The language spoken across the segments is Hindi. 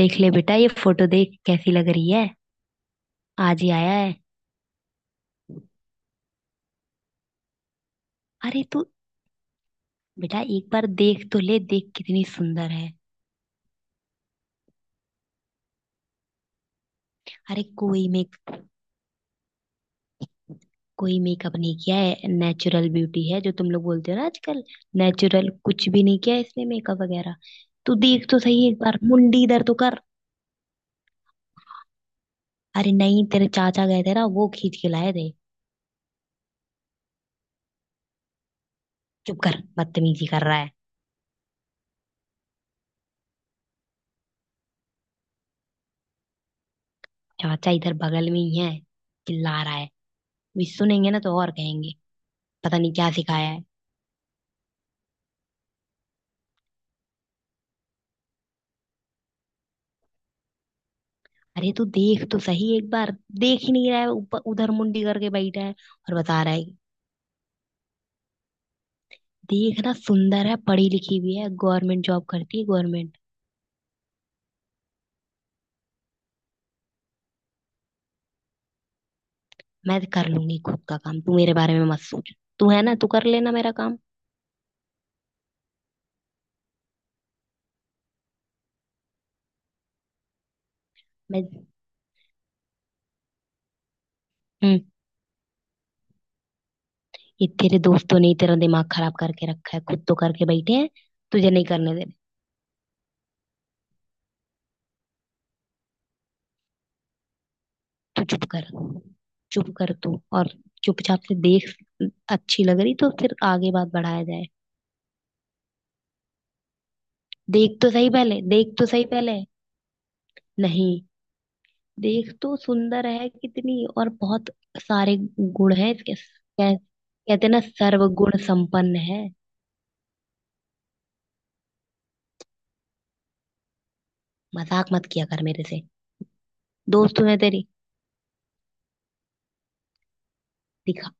देख ले बेटा, ये फोटो देख कैसी लग रही है। आज ही आया है। अरे तू। बेटा एक बार देख तो ले, देख कितनी सुंदर है। अरे कोई मेकअप नहीं किया है, नेचुरल ब्यूटी है जो तुम लोग बोलते हो ना आजकल। नेचुरल, कुछ भी नहीं किया है इसने मेकअप वगैरह। तू देख तो सही एक बार, मुंडी इधर तो कर। अरे नहीं, तेरे चाचा गए थे ना, वो खींच के लाए थे। चुप कर, बदतमीजी कर रहा है। चाचा इधर बगल में ही है, चिल्ला रहा है, भी सुनेंगे ना तो और कहेंगे। पता नहीं क्या सिखाया है। अरे तू देख तो सही एक बार। देख ही नहीं रहा है, ऊपर उधर मुंडी करके बैठा है और बता रहा है। देखना, सुंदर है, पढ़ी लिखी भी है, गवर्नमेंट जॉब करती है, गवर्नमेंट। मैं कर लूंगी खुद का काम, तू मेरे बारे में मत सोच। तू है ना, तू कर लेना मेरा काम। मैं। हम्म। ये तेरे दोस्तों ने ही तेरा दिमाग खराब करके रखा है, खुद तो करके बैठे हैं, तुझे नहीं करने देने। तू चुप कर चुप कर तू। और, चुपचाप से देख, अच्छी लग रही तो फिर आगे बात बढ़ाया जाए। देख तो सही पहले। नहीं, देख तो, सुंदर है कितनी, और बहुत सारे गुण है इसके, कहते ना सर्वगुण संपन्न है। मजाक मत किया कर मेरे से, दोस्त हूं मैं तेरी। दिखा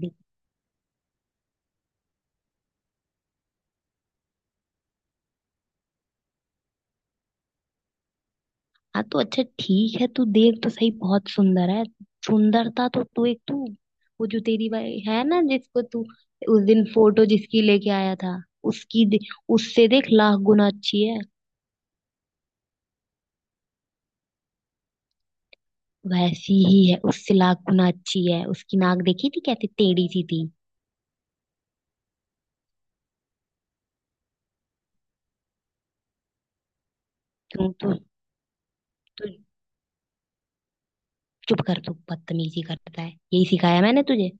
दिखा हाँ तो अच्छा ठीक है, तू देख तो सही, बहुत सुंदर है। सुंदरता तो तू, एक तू। वो जो तेरी भाई है ना, जिसको तू उस दिन फोटो जिसकी लेके आया था, उसकी दे- उससे देख लाख गुना अच्छी है। वैसी ही है, उससे लाख गुना अच्छी है, उसकी नाक देखी थी कैसे टेढ़ी सी थी। क्यों। तू चुप कर तू, बदतमीजी करता है, यही सिखाया मैंने तुझे,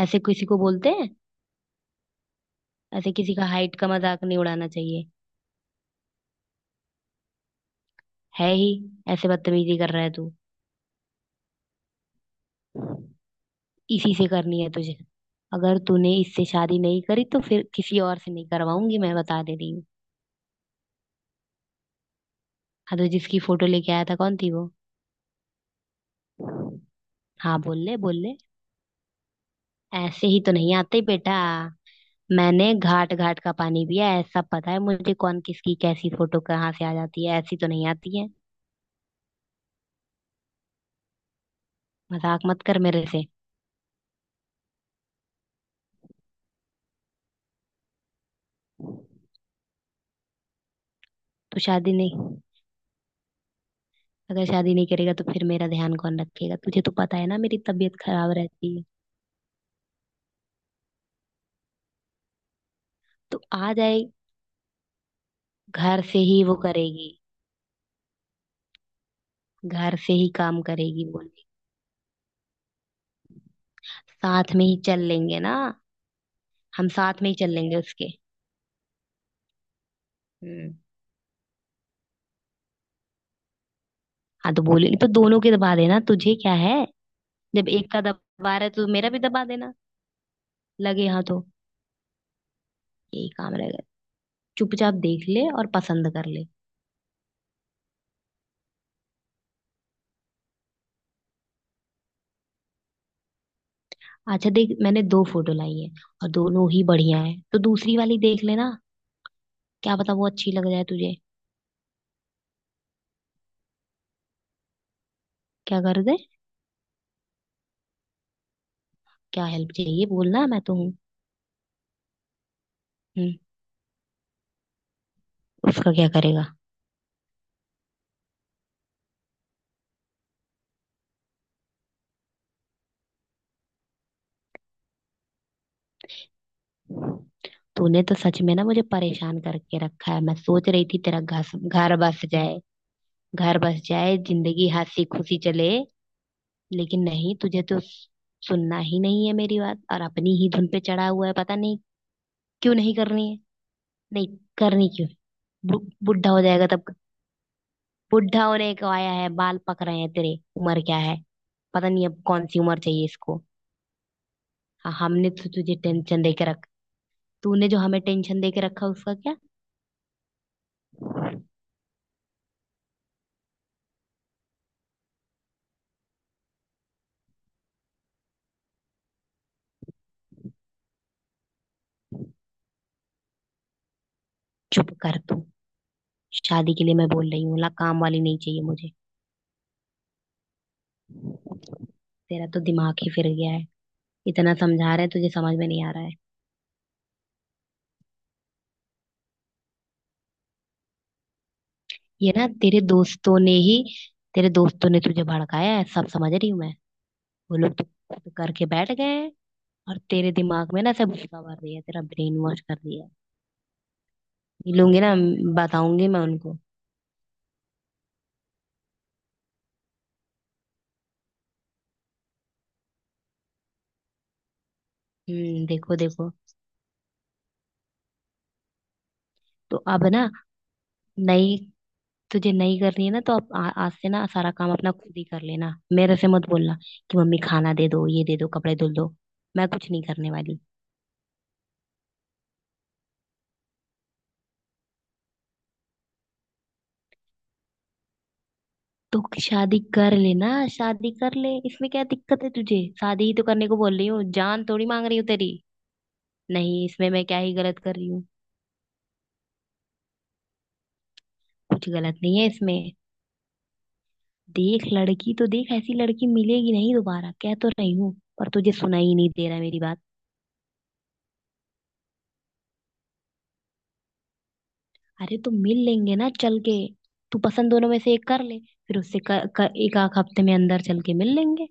ऐसे किसी को बोलते हैं? ऐसे किसी का हाइट का मजाक नहीं उड़ाना चाहिए। है ही, ऐसे बदतमीजी कर रहा है तू। इसी से करनी है तुझे। अगर तूने इससे शादी नहीं करी तो फिर किसी और से नहीं करवाऊंगी, मैं बता दे रही हूँ। हाँ तो जिसकी फोटो लेके आया था कौन थी वो? हाँ बोल ले। ऐसे ही तो नहीं आते बेटा। मैंने घाट घाट का पानी पिया है, सब पता है मुझे, कौन किसकी कैसी फोटो कहाँ से आ जाती है, ऐसी तो नहीं आती है। मजाक मत कर मेरे से। तू शादी नहीं, अगर शादी नहीं करेगा तो फिर मेरा ध्यान कौन रखेगा? तुझे तो पता है ना मेरी तबीयत खराब रहती है। तो आ जाए। घर से ही वो करेगी, घर से ही काम करेगी बोली। साथ में ही चल लेंगे ना। हम साथ में ही चल लेंगे उसके। हम्म। हाँ तो बोलेगी तो दोनों के दबा देना, तुझे क्या है? जब एक का दबा रहा है तो मेरा भी दबा देना लगे। हाँ तो यही काम रहेगा। चुपचाप देख ले और पसंद कर ले। अच्छा देख, मैंने दो फोटो लाई है और दोनों ही बढ़िया है, तो दूसरी वाली देख लेना, क्या पता वो अच्छी लग जाए तुझे। क्या कर दे? क्या हेल्प चाहिए, बोलना, मैं तो हूँ। हम्म। उसका क्या करेगा? तूने तो सच में ना मुझे परेशान करके रखा है, मैं सोच रही थी तेरा घर घर बस जाए, घर बस जाए, जिंदगी हंसी खुशी चले। लेकिन नहीं, तुझे तो सुनना ही नहीं है मेरी बात, और अपनी ही धुन पे चढ़ा हुआ है। पता नहीं क्यों नहीं करनी है, नहीं करनी क्यों। बु, बुढ़ा हो जाएगा तब। बुढ़ा होने को आया है, बाल पक रहे हैं तेरे, उम्र क्या है? पता नहीं अब कौन सी उम्र चाहिए इसको। हाँ, हमने तो तुझे टेंशन देके रखा, तूने जो हमें टेंशन दे के रखा है उसका क्या? चुप कर तू। शादी के लिए मैं बोल रही हूँ, ला काम वाली नहीं चाहिए मुझे। तेरा तो दिमाग ही फिर गया है, इतना समझा रहे हैं तुझे, समझ में नहीं आ रहा है। ये ना तेरे दोस्तों ने ही, तेरे दोस्तों ने तुझे भड़काया है, सब समझ रही हूँ मैं। वो लोग तो खुद करके बैठ गए हैं, और तेरे दिमाग में ना सब भूसा भर दिया है, तेरा ब्रेन वॉश कर दिया है। मिलूंगी ना, बताऊंगी मैं उनको। हम्म, देखो देखो। तो अब ना, नई, तुझे नहीं करनी है ना तो आप, आज से ना सारा काम अपना खुद ही कर लेना, मेरे से मत बोलना कि मम्मी खाना दे दो, ये दे दो, कपड़े धुल दो। मैं कुछ नहीं करने वाली। तो शादी कर लेना, शादी कर ले, इसमें क्या दिक्कत है तुझे? शादी ही तो करने को बोल रही हूँ, जान थोड़ी मांग रही हूँ तेरी। नहीं, इसमें मैं क्या ही गलत कर रही हूँ? कुछ गलत नहीं है इसमें। देख, लड़की तो देख, ऐसी लड़की मिलेगी नहीं दोबारा, कह तो रही हूँ, पर तुझे सुना ही नहीं दे रहा मेरी बात। अरे तो मिल लेंगे ना चल के। तू पसंद दोनों में से एक कर ले, फिर उससे कर, कर, एक आध हफ्ते में अंदर चल के मिल लेंगे।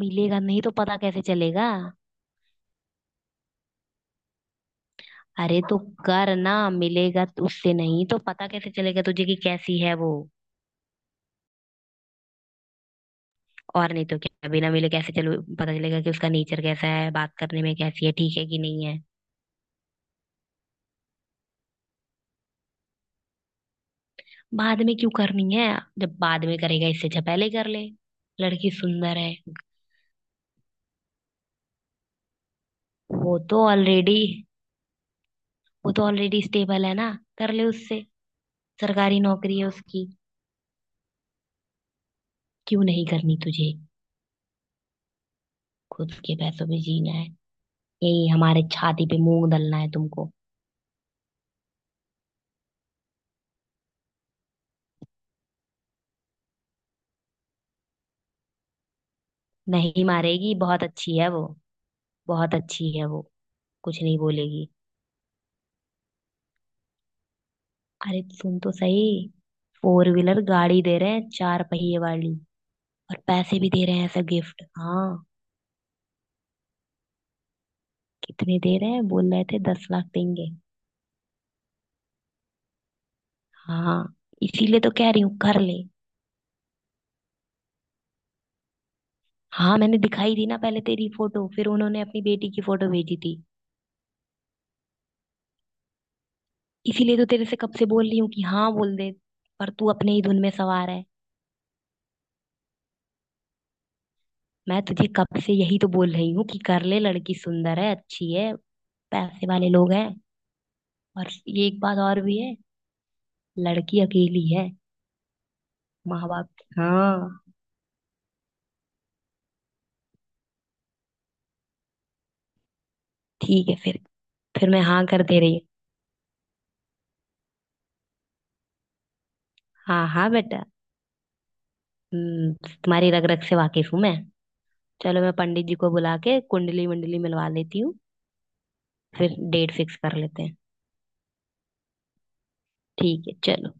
मिलेगा नहीं तो पता कैसे चलेगा? अरे तो कर ना, मिलेगा तो उससे, नहीं तो पता कैसे चलेगा तुझे कि कैसी है वो। और नहीं तो क्या, बिना मिले कैसे चलो पता चलेगा कि उसका नेचर कैसा है, बात करने में कैसी है, ठीक है कि नहीं है। बाद में क्यों करनी है? जब बाद में करेगा, इससे अच्छा पहले ही कर ले। लड़की सुंदर है, वो तो ऑलरेडी, वो तो ऑलरेडी स्टेबल है ना, कर ले उससे, सरकारी नौकरी है उसकी। क्यों नहीं करनी तुझे? खुद के पैसों पे जीना है? यही हमारे छाती पे मूंग दलना है तुमको। नहीं मारेगी, बहुत अच्छी है वो, बहुत अच्छी है वो, कुछ नहीं बोलेगी। अरे सुन तो सही, फोर व्हीलर गाड़ी दे रहे हैं, चार पहिए वाली, और पैसे भी दे रहे हैं, ऐसा गिफ्ट। हाँ, कितने दे रहे हैं? बोल रहे थे 10 लाख देंगे। हाँ, इसीलिए तो कह रही हूँ कर ले। हाँ, मैंने दिखाई दी ना पहले तेरी फोटो, फिर उन्होंने अपनी बेटी की फोटो भेजी थी। इसीलिए तो तेरे से कब से बोल रही हूँ कि हाँ बोल दे, पर तू अपने ही धुन में सवार है। मैं तुझे कब से यही तो बोल रही हूँ कि कर ले, लड़की सुंदर है, अच्छी है, पैसे वाले लोग हैं। और ये एक बात और भी है, लड़की अकेली है, माँ बाप। हाँ। ठीक है फिर मैं हाँ कर दे रही हूँ। हाँ हाँ बेटा। हम्म, तुम्हारी रग रग से वाकिफ हूँ मैं। चलो मैं पंडित जी को बुला के कुंडली वंडली मिलवा लेती हूँ, फिर डेट फिक्स कर लेते हैं। ठीक है चलो।